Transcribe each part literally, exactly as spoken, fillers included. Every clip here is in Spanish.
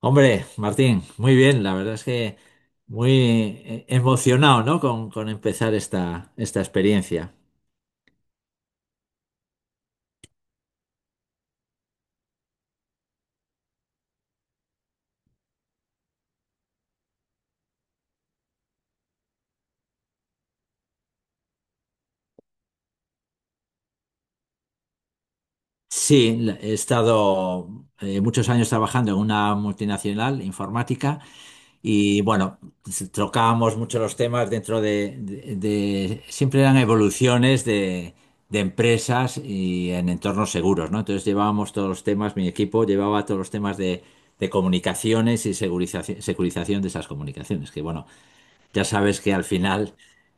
Hombre, Martín, muy bien, la verdad es que muy eh, emocionado, ¿no? Con, con empezar esta, esta experiencia. Sí, la- he estado eh, muchos años trabajando en una multinacional informática y bueno, s- trocábamos mucho los temas dentro de, de- de- siempre eran evoluciones de, de empresas y en entornos seguros, ¿no? Entonces llevábamos todos los temas, mi equipo llevaba todos los temas de, de comunicaciones y segurizaci- securización de esas comunicaciones, que bueno. Ya sabes que al final,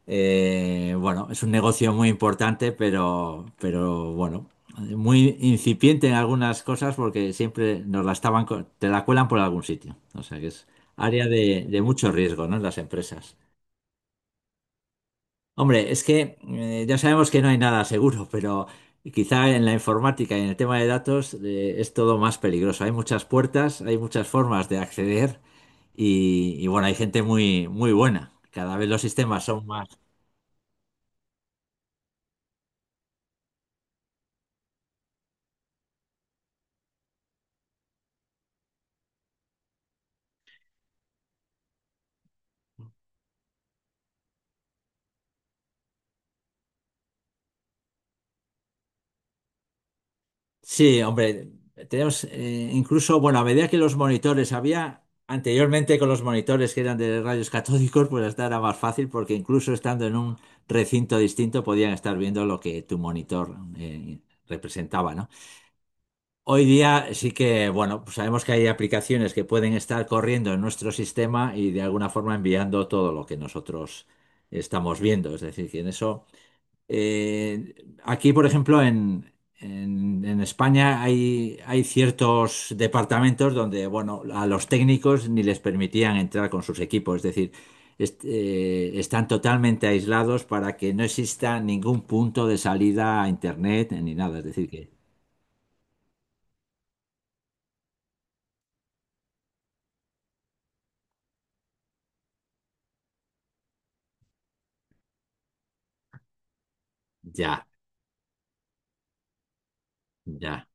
eh, bueno, es un negocio muy importante, pero, pero bueno, muy incipiente en algunas cosas porque siempre nos la estaban, co- te la cuelan por algún sitio. O sea que es área de, de mucho riesgo, ¿no? En las empresas. Hombre, es que eh, ya sabemos que no hay nada seguro, pero quizá en la informática y en el tema de datos eh, es todo más peligroso. Hay muchas puertas, hay muchas formas de acceder y, y bueno, hay gente muy, muy buena. Cada vez los sistemas son más. Sí, hombre, tenemos eh, incluso, bueno, a medida que los monitores había anteriormente con los monitores que eran de rayos catódicos, pues hasta era más fácil porque incluso estando en un recinto distinto podían estar viendo lo que tu monitor eh, representaba, ¿no? Hoy día sí que, bueno, pues sabemos que hay aplicaciones que pueden estar corriendo en nuestro sistema y de alguna forma enviando todo lo que nosotros estamos viendo. Es decir, que en eso. Eh, aquí, por ejemplo, en, en- en España hay, hay ciertos departamentos donde, bueno, a los técnicos ni les permitían entrar con sus equipos, es decir, est- eh, están totalmente aislados para que no exista ningún punto de salida a internet ni nada, es decir, que ya, ya,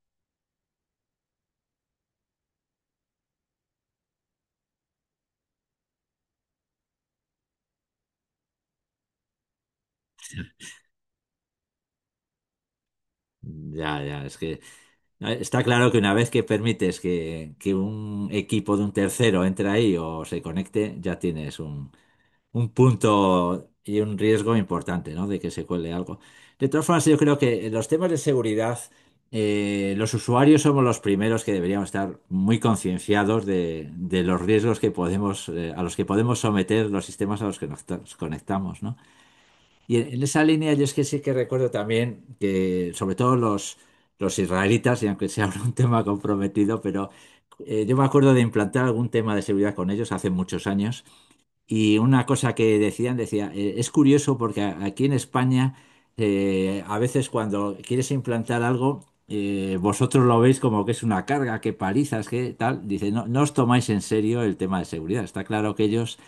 ya, ya, es que... eh, Está claro que una vez que permites que, que un equipo de un tercero entre ahí o se conecte, ya tienes un punto y un riesgo importante, ¿no? De que se cuele algo. De todas formas, yo creo que en los temas de seguridad, eh, los usuarios somos los primeros que deberíamos estar muy concienciados de, de los riesgos que podemos, eh, a los que podemos someter los sistemas a los que nos nos conectamos, ¿no? Y en, en esa línea, yo es que sí que recuerdo también que, sobre todo los, los israelitas, y aunque sea un tema comprometido, pero eh, yo me acuerdo de implantar algún tema de seguridad con ellos hace muchos años. Y una cosa que decían, decía, eh, es curioso porque a- aquí en España eh, a veces cuando quieres implantar algo, eh, vosotros lo veis como que es una carga, que palizas, que tal. Dice, no, no os tomáis en serio el tema de seguridad. Está claro que ellos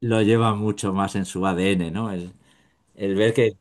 lo llevan mucho más en su A D N, ¿no? El, el ver que,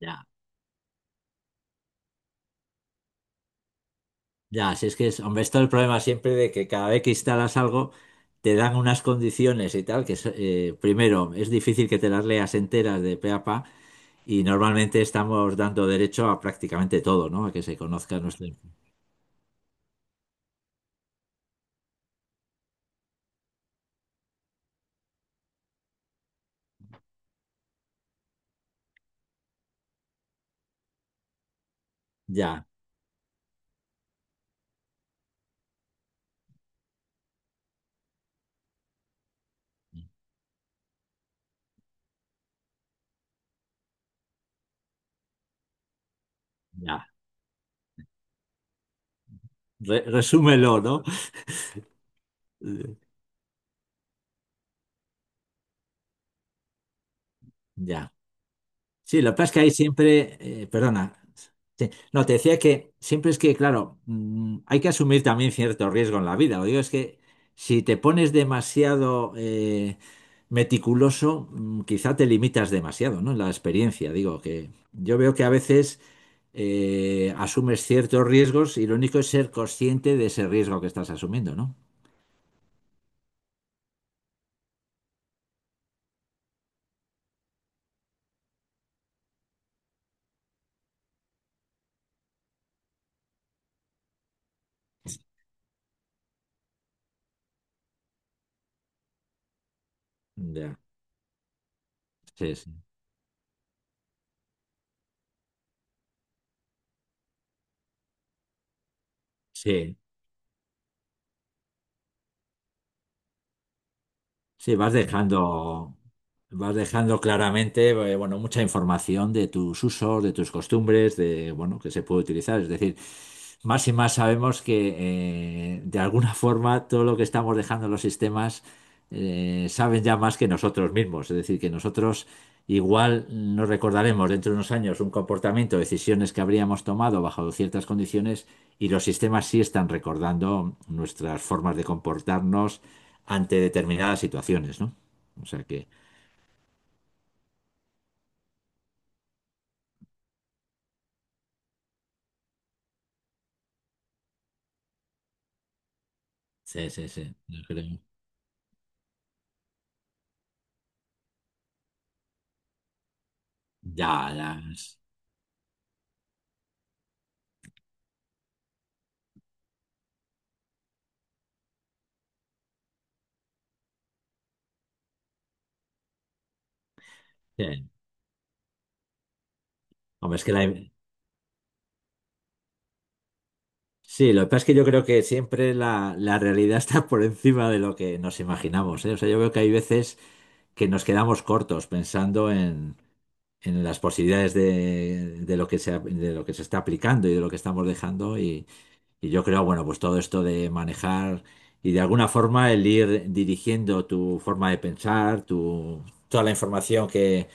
ya, ya, si es que es, hombre, esto es el problema siempre de que cada vez que instalas algo, te dan unas condiciones y tal, que es, eh, primero es difícil que te las leas enteras de pe a pa. Y normalmente estamos dando derecho a prácticamente todo, ¿no? A que se conozca nuestro... Ya, ya. Re- resúmelo, ¿no? Ya. Sí, lo que pasa es que hay siempre, eh, perdona, sí, no, te decía que siempre es que, claro, mm, hay que asumir también cierto riesgo en la vida. Lo digo es que si te pones demasiado eh, meticuloso, mm, quizá te limitas demasiado, ¿no? En la experiencia, digo, que yo veo que a veces eh, asumes ciertos riesgos y lo único es ser consciente de ese riesgo que estás asumiendo, ¿no? Ya, sí, sí. Sí, sí, vas dejando. Vas dejando claramente, eh, bueno, mucha información de tus usos, de tus costumbres, de, bueno, que se puede utilizar. Es decir, más y más sabemos que eh, de alguna forma todo lo que estamos dejando en los sistemas eh, saben ya más que nosotros mismos. Es decir, que nosotros igual nos recordaremos dentro de unos años un comportamiento, decisiones que habríamos tomado bajo ciertas condiciones y los sistemas sí están recordando nuestras formas de comportarnos ante determinadas situaciones, ¿no? O sea que... Sí, sí, sí, yo creo. Ya, ya. es- sí. Hombre, es que la... Sí, lo que pasa es que yo creo que siempre la, la realidad está por encima de lo que nos imaginamos, ¿eh? O sea, yo veo que hay veces que nos quedamos cortos pensando en, en las posibilidades de, de lo que se, de lo que se está aplicando y de lo que estamos dejando. Y, y yo creo, bueno, pues todo esto de manejar y de alguna forma el ir dirigiendo tu forma de pensar, tu, toda la información que,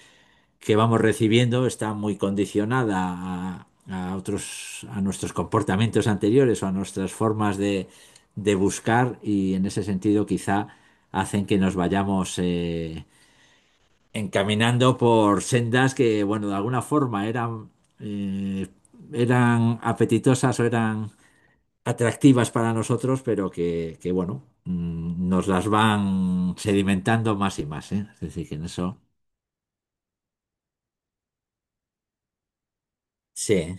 que vamos recibiendo está muy condicionada a, a otros, a nuestros comportamientos anteriores o a nuestras formas de, de buscar y en ese sentido quizá hacen que nos vayamos eh, encaminando por sendas que, bueno, de alguna forma eran, eh, eran apetitosas o eran atractivas para nosotros, pero que, que, bueno, mm, nos las van sedimentando más y más, ¿eh? Es decir, que en eso... Sí,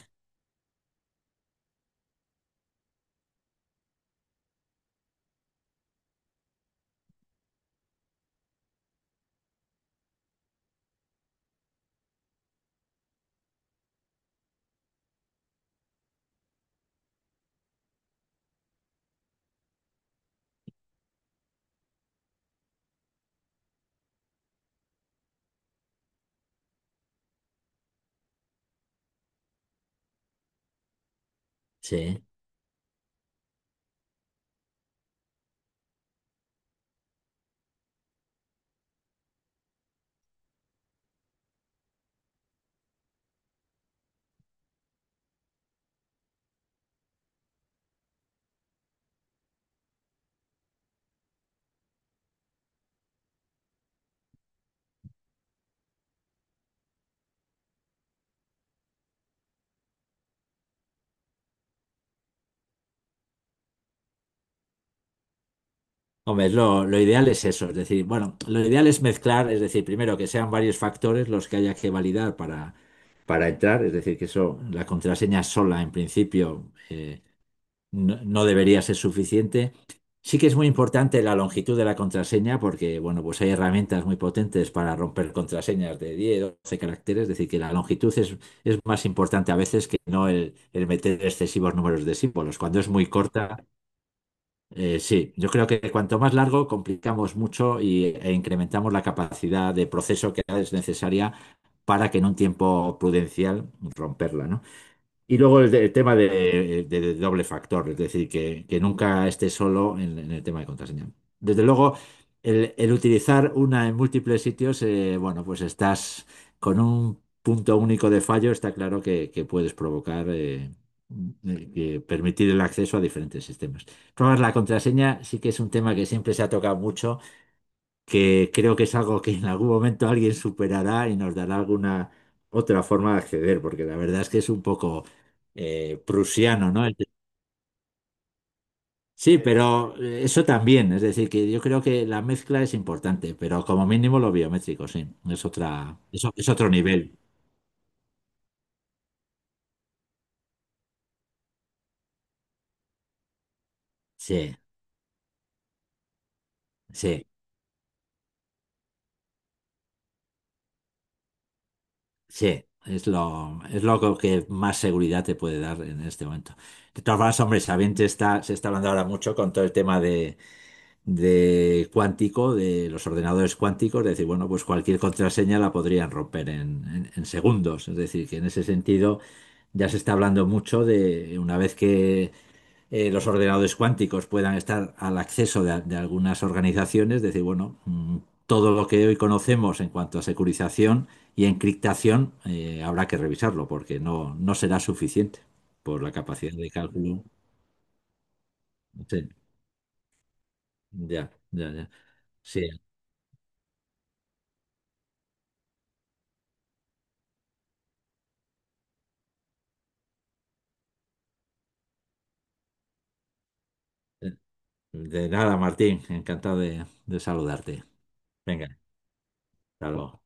sí. Hombre, es lo, lo ideal es eso, es decir, bueno, lo ideal es mezclar, es decir, primero que sean varios factores los que haya que validar para, para entrar, es decir, que eso, la contraseña sola en principio eh, no, no debería ser suficiente. Sí que es muy importante la longitud de la contraseña porque, bueno, pues hay herramientas muy potentes para romper contraseñas de diez doce caracteres, es decir, que la longitud es, es más importante a veces que no el, el meter excesivos números de símbolos. Cuando es muy corta eh, sí, yo creo que cuanto más largo, complicamos mucho y, e incrementamos la capacidad de proceso que es necesaria para que en un tiempo prudencial romperla, ¿no? Y luego el, de- el tema de, de- de doble factor, es decir, que, que nunca esté solo en, en el tema de contraseña. Desde luego, el, el utilizar una en múltiples sitios, eh, bueno, pues estás con un punto único de fallo, está claro que, que puedes provocar, eh, eh, que permitir el acceso a diferentes sistemas. Probar la contraseña sí que es un tema que siempre se ha tocado mucho que creo que es algo que en algún momento alguien superará y nos dará alguna otra forma de acceder, porque la verdad es que es un poco eh, prusiano, ¿no? El- Sí, pero eh, eso también, es decir, que yo creo que la mezcla es importante, pero como mínimo lo biométrico, sí, es otra, eso es otro nivel. Sí, sí, sí. Es lo, es lo que más seguridad te puede dar en este momento. De todas formas, hombre, sabiente está, se está hablando ahora mucho con todo el tema de, de cuántico, de los ordenadores cuánticos, de decir, bueno, pues cualquier contraseña la podrían romper en, en- en segundos. Es decir, que en ese sentido ya se está hablando mucho de una vez que eh, los ordenadores cuánticos puedan estar al acceso de, de algunas organizaciones, decir, bueno, mm, todo lo que hoy conocemos en cuanto a securización y encriptación eh, habrá que revisarlo porque no, no será suficiente por la capacidad de cálculo. Sí, ya, ya, ya. Sí. eh, De nada, Martín, encantado de, de saludarte. Venga, hasta luego.